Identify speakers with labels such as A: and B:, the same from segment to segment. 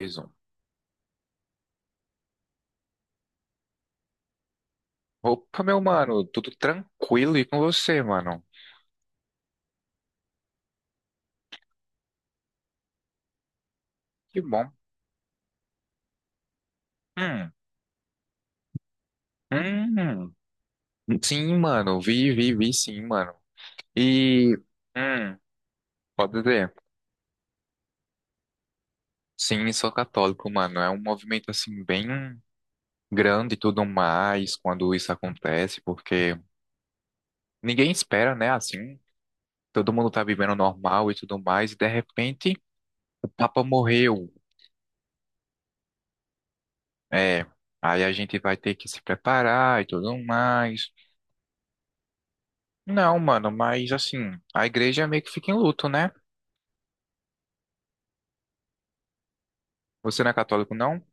A: Mais um. Opa, meu mano, tudo tranquilo e com você, mano? Que bom. Hum, hum. Sim, mano, vi, sim, mano. E, hum, pode dizer, sim, sou católico, mano. É um movimento, assim, bem grande e tudo mais quando isso acontece, porque ninguém espera, né, assim. Todo mundo tá vivendo normal e tudo mais, e de repente o Papa morreu. É, aí a gente vai ter que se preparar e tudo mais. Não, mano, mas assim, a igreja meio que fica em luto, né? Você não é católico, não?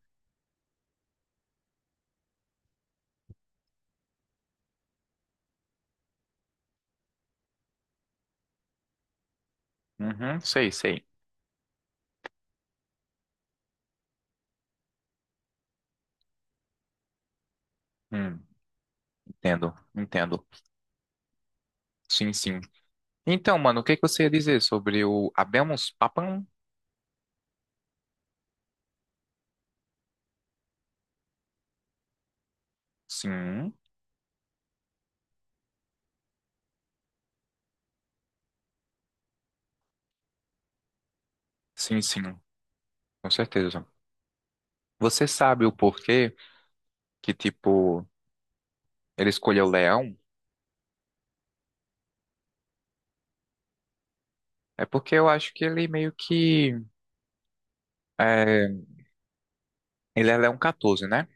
A: Uhum, sei, sei. Hum, entendo, entendo. Sim, sim. Então, mano, o que que você ia dizer sobre o Habemus Papam? Sim, sim, sim, com certeza. Você sabe o porquê que, tipo, ele escolheu o leão? É porque eu acho que ele meio que... é, ele é leão 14, né?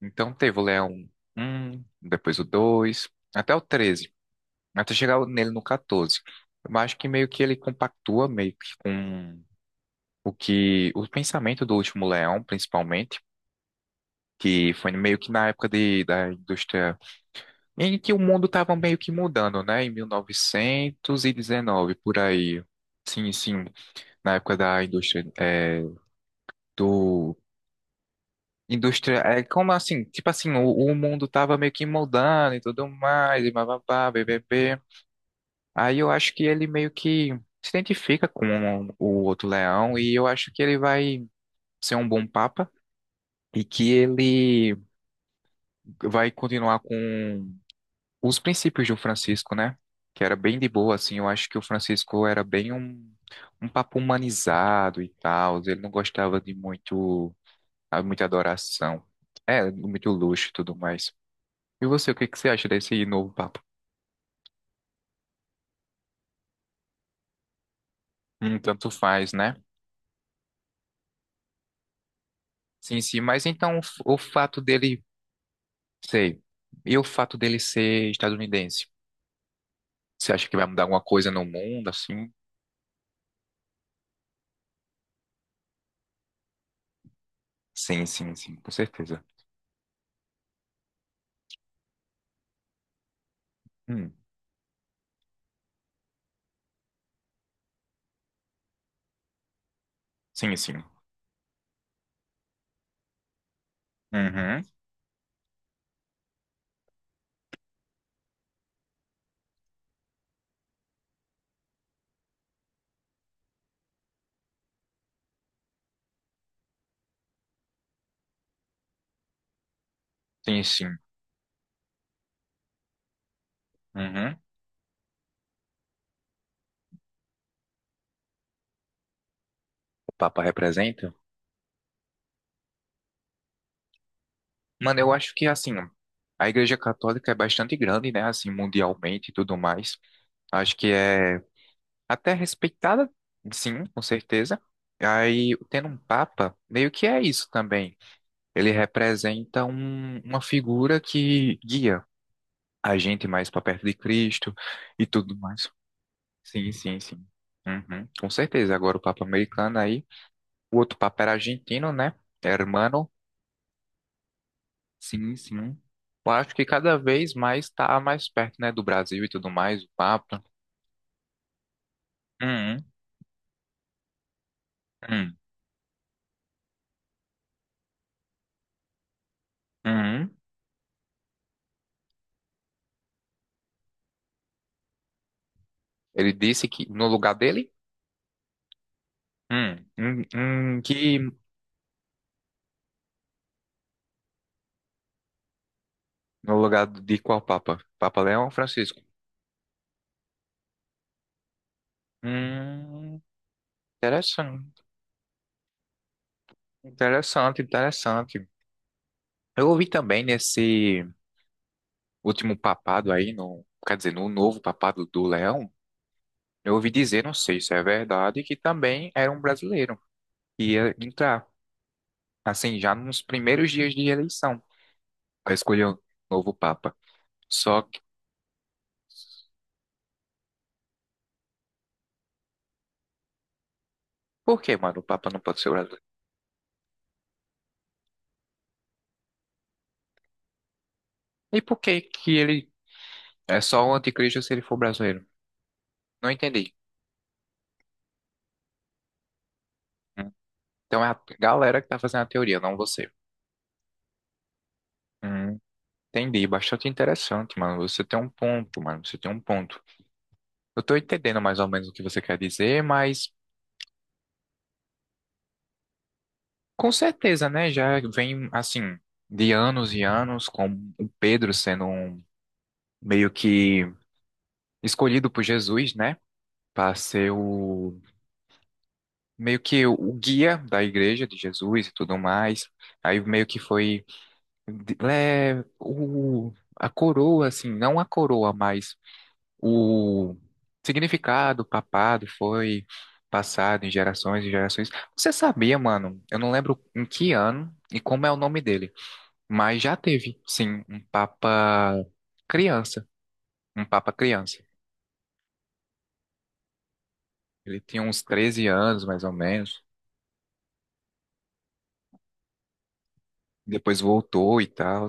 A: Então teve o leão um, depois o 2, até o treze, até chegar nele no 14. Eu acho que meio que ele compactua meio que com o pensamento do Último Leão, principalmente, que foi meio que na época de, da indústria em que o mundo estava meio que mudando, né? Em 1919, por aí. Sim, sim, na época da indústria é, do indústria é como assim, tipo assim, o mundo tava meio que mudando e tudo mais, e bababá, bbb. Aí eu acho que ele meio que se identifica com o outro leão e eu acho que ele vai ser um bom papa e que ele vai continuar com os princípios do Francisco, né? Que era bem de boa, assim. Eu acho que o Francisco era um papa humanizado e tal. Ele não gostava de muito, ah, muita adoração. É, muito luxo e tudo mais. E você, o que que você acha desse novo papa? Tanto faz, né? Sim, sim, mas então o o fato dele. Sei. E o fato dele ser estadunidense? Você acha que vai mudar alguma coisa no mundo, assim? Sim, sim, sim, com certeza. Hum. Sim, sim. Uhum. Sim, sim. Uhum. O Papa representa? Mano, eu acho que, assim, a Igreja Católica é bastante grande, né? Assim, mundialmente e tudo mais. Acho que é até respeitada, sim, com certeza. Aí, tendo um Papa, meio que é isso também. Ele representa uma figura que guia a gente mais para perto de Cristo e tudo mais. Sim, sim, sim. Uhum, com certeza. Agora o Papa americano aí. O outro Papa era argentino, né? Hermano. Sim, sim. Eu acho que cada vez mais está mais perto, né, do Brasil e tudo mais, o Papa. Uhum, uhum, uhum. Ele disse que no lugar dele? Que no lugar de qual Papa? Papa Leão ou Francisco? Hum, interessante, interessante, interessante. Eu ouvi também nesse último papado aí, no, quer dizer, no novo papado do Leão, eu ouvi dizer, não sei se é verdade, que também era um brasileiro que ia entrar, assim, já nos primeiros dias de eleição, para escolher o novo papa. Só que, por que, mano, o papa não pode ser brasileiro? E por que que ele é só o anticristo se ele for brasileiro? Não entendi. Hum. Então é a galera que tá fazendo a teoria, não você. Hum, entendi, bastante interessante, mano. Você tem um ponto, mano, você tem um ponto. Eu tô entendendo mais ou menos o que você quer dizer, mas com certeza, né? Já vem, assim, de anos e anos, com o Pedro sendo um, meio que escolhido por Jesus, né? Para ser o, meio que o guia da igreja de Jesus e tudo mais. Aí meio que foi, de- é, o, a coroa, assim, não a coroa, mas o significado, o papado foi passado em gerações e gerações. Você sabia, mano? Eu não lembro em que ano e como é o nome dele. Mas já teve, sim, criança, um papa criança. Ele tinha uns 13 anos, mais ou menos. Depois voltou e tal.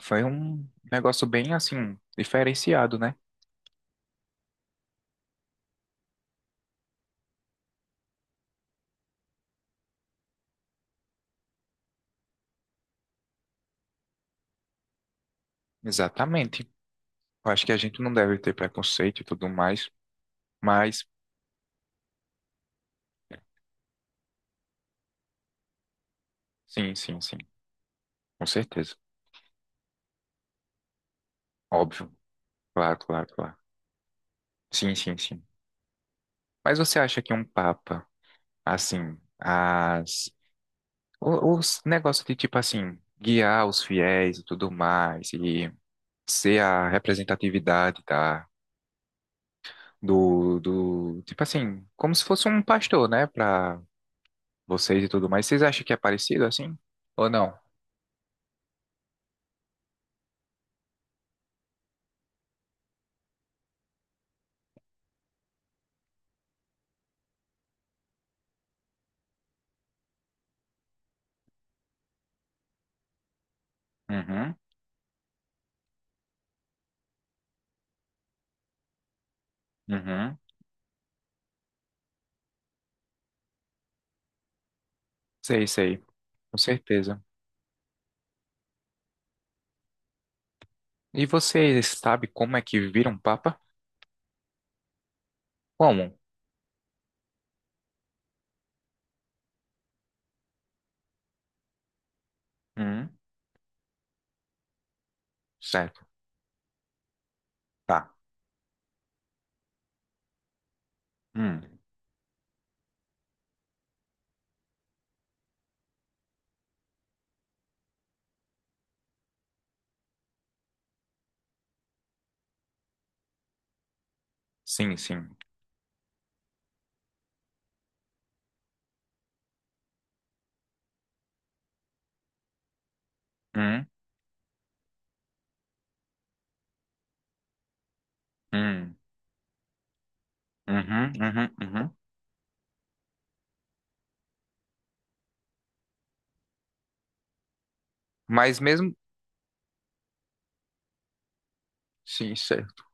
A: Foi um negócio bem, assim, diferenciado, né? Exatamente. Eu acho que a gente não deve ter preconceito e tudo mais, mas sim, sim, sim, com certeza. Óbvio. Claro, claro, claro. Sim, sim, sim. Mas você acha que um papa, assim, as os negócios de tipo assim, guiar os fiéis e tudo mais, e ser a representatividade da, do tipo assim, como se fosse um pastor, né, para vocês e tudo mais. Vocês acham que é parecido assim? Ou não? Uhum, uhum. Sei, sei, com certeza. E vocês sabem como é que vira um papa? Como? Hum, certo, tá. Hum, sim, sim. Hum, hum, uhum, uhum, uhum. Mas mesmo. Sim, certo.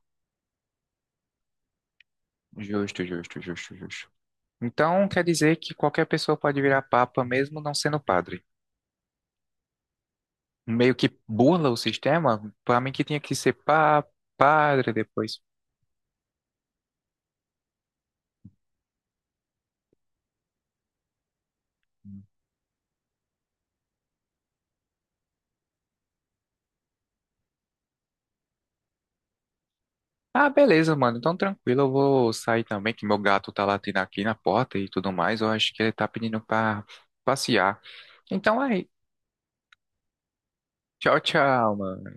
A: Justo, justo, justo, justo. Então quer dizer que qualquer pessoa pode virar papa mesmo não sendo padre. Meio que burla o sistema, pra mim que tinha que ser pa, padre depois. Ah, beleza, mano. Então tranquilo, eu vou sair também, que meu gato tá latindo aqui na porta e tudo mais. Eu acho que ele tá pedindo pra passear. Então aí, tchau, tchau, mano.